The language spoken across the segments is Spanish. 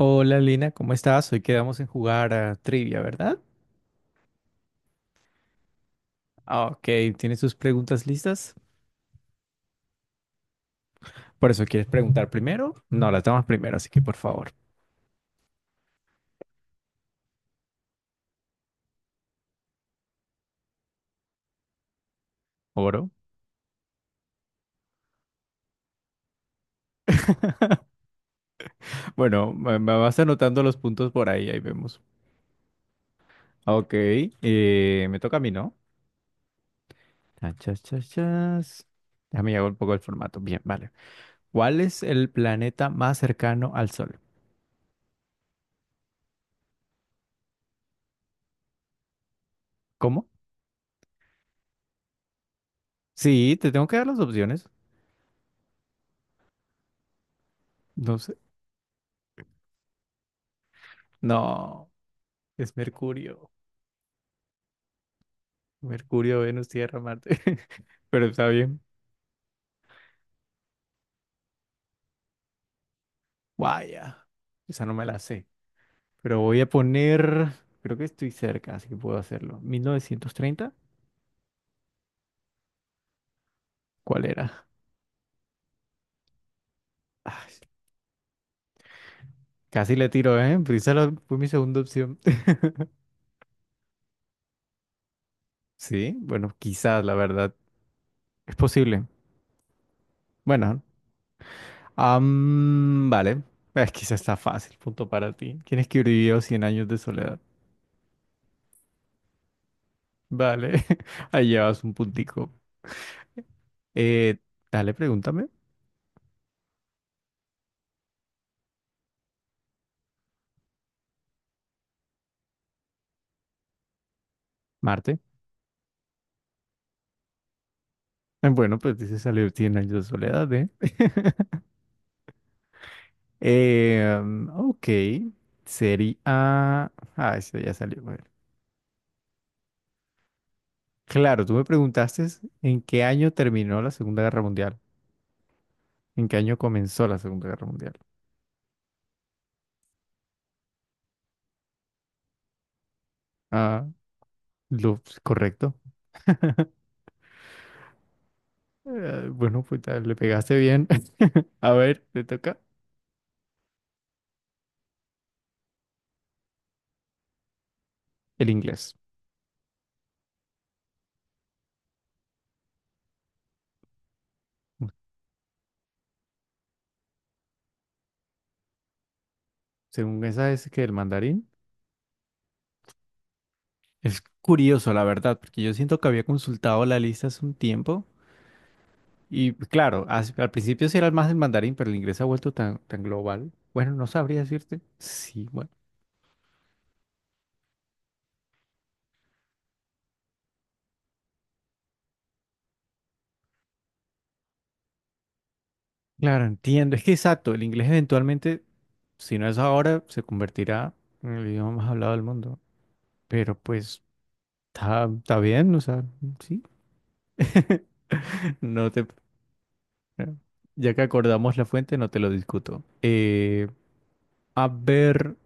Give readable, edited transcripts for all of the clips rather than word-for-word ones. Hola Lina, ¿cómo estás? Hoy quedamos en jugar a trivia, ¿verdad? Ah, Ok, ¿tienes tus preguntas listas? Por eso quieres preguntar primero. No, las damos primero, así que por favor, oro. Bueno, me vas anotando los puntos por ahí, ahí vemos. Ok, me toca a mí, ¿no? Chan, chas, chas, chas. Déjame llevar un poco el formato. Bien, vale. ¿Cuál es el planeta más cercano al Sol? ¿Cómo? Sí, te tengo que dar las opciones. No sé. No, es Mercurio. Mercurio, Venus, Tierra, Marte. Pero está bien. Vaya, esa no me la sé. Pero voy a poner, creo que estoy cerca, así que puedo hacerlo. ¿1930? ¿Cuál era? Ay, casi le tiro, ¿eh? Pero esa fue mi segunda opción. Sí, bueno, quizás, la verdad. Es posible. Bueno, vale. Es quizás está fácil, punto para ti. ¿Quién escribió 100 años de soledad? Vale, ahí llevas un puntico. Eh, dale, pregúntame. Marte. Bueno, pues dice salió 100 años de soledad, ¿eh? Ok, sería. Ah, eso ya salió. Bueno. Claro, tú me preguntaste en qué año terminó la Segunda Guerra Mundial, en qué año comenzó la Segunda Guerra Mundial. Ah, lo correcto. Bueno, pues le pegaste bien. A ver, te toca el inglés. Bueno, según esa es que el mandarín. Es curioso, la verdad, porque yo siento que había consultado la lista hace un tiempo. Y claro, al principio sí era más el mandarín, pero el inglés se ha vuelto tan, tan global. Bueno, no sabría decirte. Sí, bueno. Claro, entiendo. Es que exacto, el inglés eventualmente, si no es ahora, se convertirá en el idioma más hablado del mundo. Pero pues está bien, o sea, sí. No te. Ya que acordamos la fuente, no te lo discuto. A ver,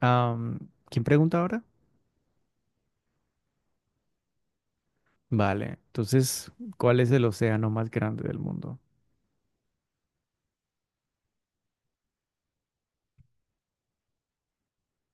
am, ¿quién pregunta ahora? Vale, entonces, ¿cuál es el océano más grande del mundo?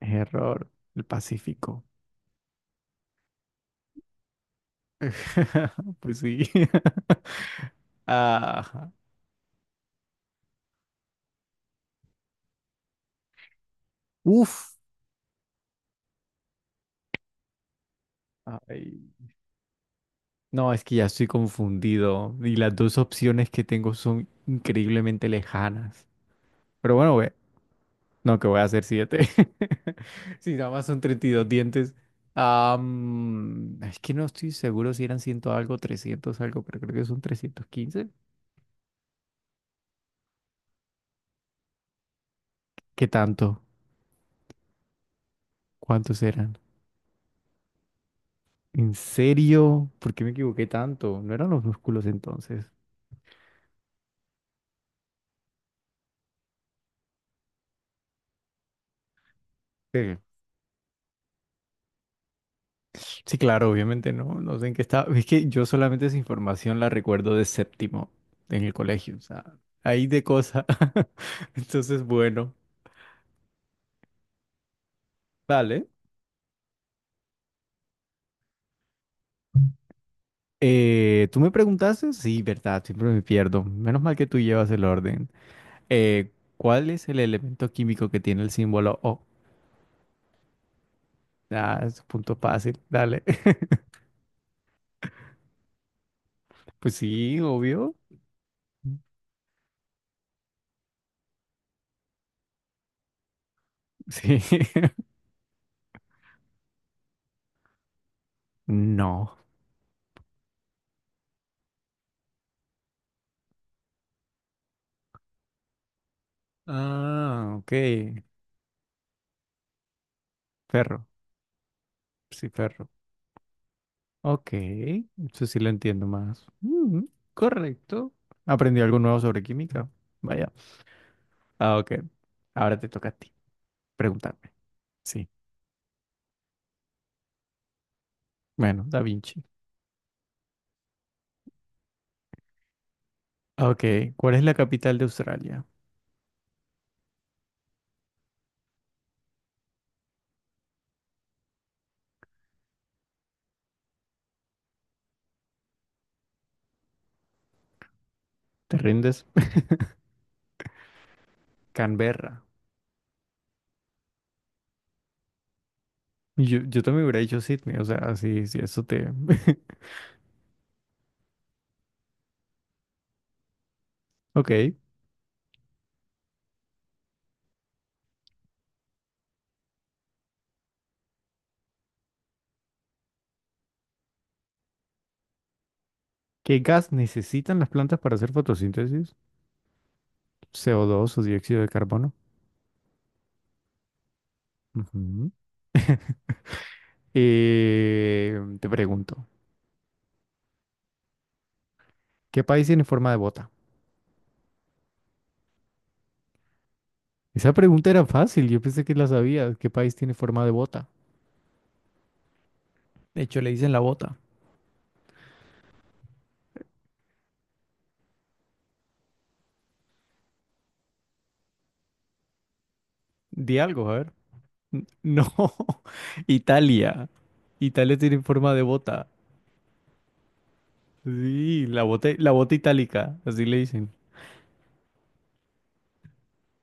Error, el Pacífico. Pues sí. Ah, uf. Ay, no, es que ya estoy confundido y las dos opciones que tengo son increíblemente lejanas. Pero bueno, ve, no, que voy a hacer siete. Si nada más son 32 dientes. Es que no estoy seguro si eran 100 algo, 300 algo, pero creo que son 315. ¿Qué tanto? ¿Cuántos eran? ¿En serio? ¿Por qué me equivoqué tanto? No eran los músculos entonces. Sí, sí, claro, obviamente no, no sé en qué estaba. Es que yo solamente esa información la recuerdo de séptimo en el colegio, o sea, ahí de cosa. Entonces, bueno, vale. ¿Tú me preguntaste? Sí, verdad, siempre me pierdo. Menos mal que tú llevas el orden. Eh, ¿Cuál es el elemento químico que tiene el símbolo O? Ah, es un punto fácil, dale. Pues sí, obvio. Sí. No. Ah, ok. Ferro. Sí, ferro. Ok, eso sí lo entiendo más. Mm, correcto. Aprendí algo nuevo sobre química. Vaya. Ah, ok. Ahora te toca a ti preguntarme. Sí. Bueno, Da Vinci. Ok, ¿cuál es la capital de Australia? ¿Te rindes? Canberra. Yo también hubiera dicho Sydney, o sea, sí, sí, eso te. Ok, ¿qué gas necesitan las plantas para hacer fotosíntesis? CO2 o dos o dióxido de carbono. Ujú. Te pregunto, ¿qué país tiene forma de bota? Esa pregunta era fácil, yo pensé que la sabía. ¿Qué país tiene forma de bota? De hecho, le dicen la bota. Di algo, a ver. No, Italia. Italia tiene forma de bota. Sí, la bota itálica, así le dicen.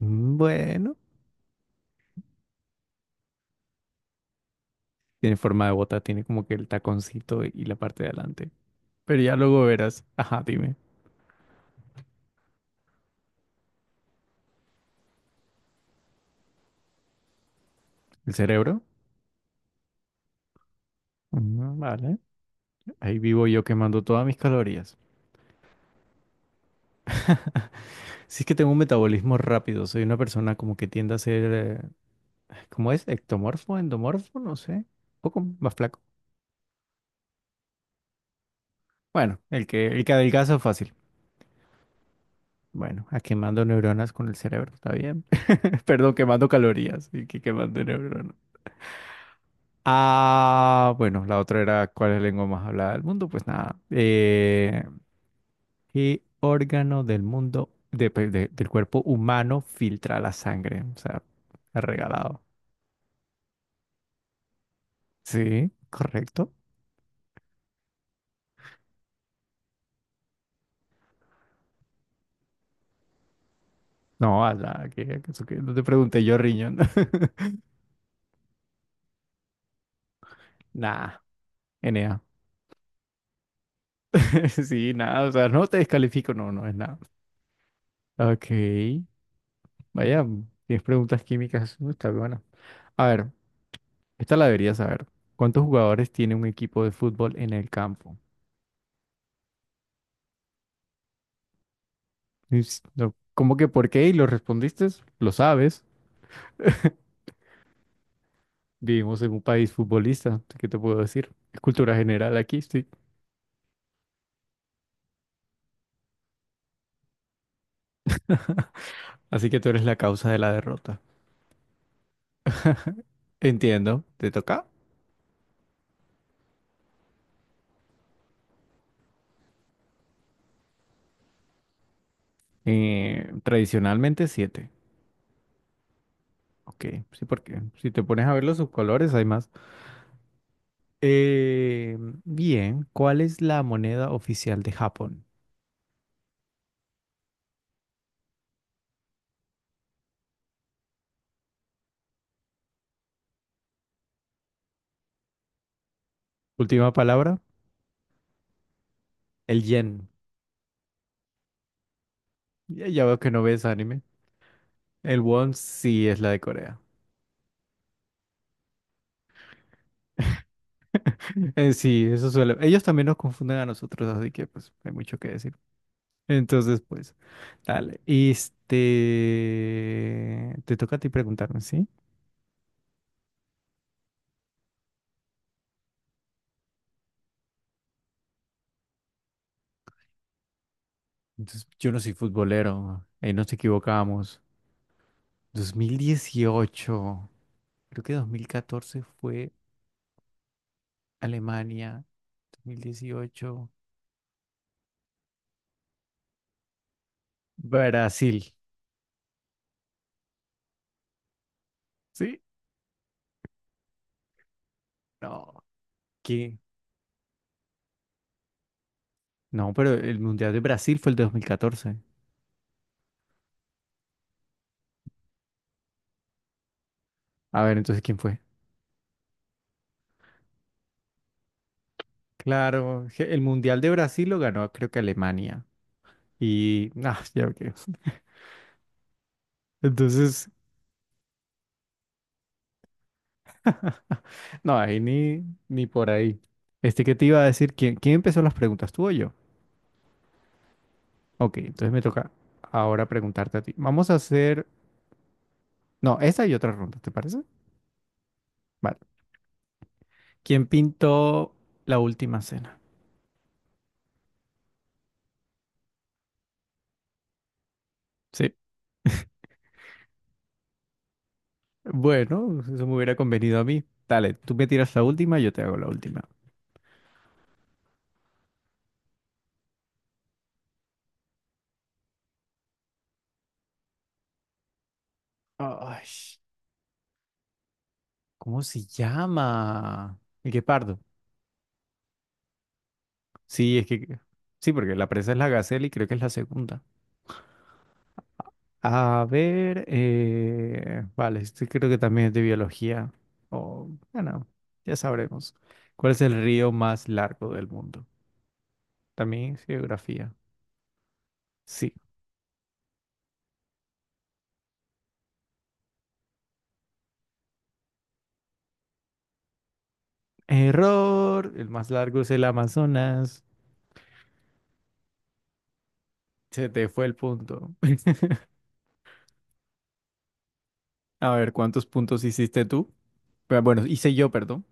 Mm, bueno, tiene forma de bota, tiene como que el taconcito y la parte de adelante. Pero ya luego verás. Ajá, dime. ¿El cerebro? Mm, vale, ahí vivo yo quemando todas mis calorías. Si es que tengo un metabolismo rápido, soy una persona como que tiende a ser. ¿Cómo es? ¿Ectomorfo? ¿Endomorfo? No sé. Un poco más flaco. Bueno, el que adelgaza fácil. Bueno, a quemando neuronas con el cerebro, está bien. Perdón, quemando calorías y que quemando neuronas. Ah, bueno, la otra era ¿cuál es la lengua más hablada del mundo? Pues nada. ¿Qué órgano del mundo, del cuerpo humano filtra la sangre? O sea, regalado. Sí, correcto. No, a la que eso que no te pregunté yo, riñón. Nah, Enea. Sí, nada, o sea, no te descalifico, no, no es nada. Ok, vaya, tienes preguntas químicas, está buena. A ver, esta la deberías saber. ¿Cuántos jugadores tiene un equipo de fútbol en el campo? No, ¿cómo que por qué? ¿Y lo respondiste? Lo sabes. Vivimos en un país futbolista, ¿qué te puedo decir? Es cultura general aquí, sí. Así que tú eres la causa de la derrota. Entiendo, ¿te toca? Tradicionalmente siete. Ok, sí, porque si te pones a ver los subcolores hay más. Eh, bien, ¿cuál es la moneda oficial de Japón? Última palabra, el yen. Ya, ya veo que no ves anime. El won sí es la de Corea. Sí, eso suele. Ellos también nos confunden a nosotros, así que pues hay mucho que decir. Entonces, pues, dale. Este, te toca a ti preguntarme, ¿sí? Entonces, yo no soy futbolero, ahí nos equivocamos. 2018. Creo que 2014 fue Alemania, 2018 Brasil. ¿Sí? No, ¿qué? No, pero el Mundial de Brasil fue el de 2014. A ver, entonces, ¿quién fue? Claro, el Mundial de Brasil lo ganó, creo que Alemania. Y, ah, ya ok. Entonces, no, ahí ni por ahí. Este que te iba a decir, ¿quién empezó las preguntas? ¿Tú o yo? Ok, entonces me toca ahora preguntarte a ti. Vamos a hacer, no, esta y otra ronda, ¿te parece? Vale. ¿Quién pintó la Última Cena? Sí. Bueno, eso me hubiera convenido a mí. Dale, tú me tiras la última, yo te hago la última. Ay, ¿cómo se llama? El guepardo. Sí, es que. Sí, porque la presa es la gacela y creo que es la segunda. A ver, vale, este creo que también es de biología. O, bueno, ya sabremos. ¿Cuál es el río más largo del mundo? También es geografía. Sí. Error. El más largo es el Amazonas. Se te fue el punto. A ver, ¿cuántos puntos hiciste tú? Pero bueno, hice yo, perdón.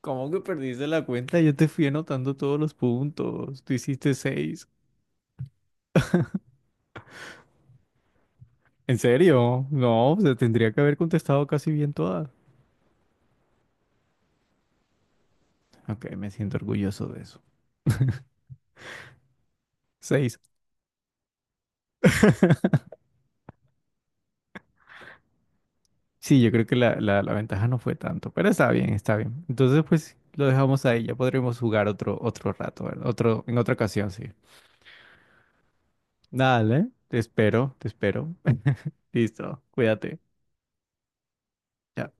¿Cómo que perdiste la cuenta? Yo te fui anotando todos los puntos. Tú hiciste seis. ¿En serio? No, se tendría que haber contestado casi bien todas. Ok, me siento orgulloso de eso. Seis. Sí, yo creo que la ventaja no fue tanto, pero está bien, está bien. Entonces, pues lo dejamos ahí. Ya podremos jugar otro rato, ¿verdad? Otro, en otra ocasión, sí. Dale, te espero, te espero. Listo, cuídate. Chao.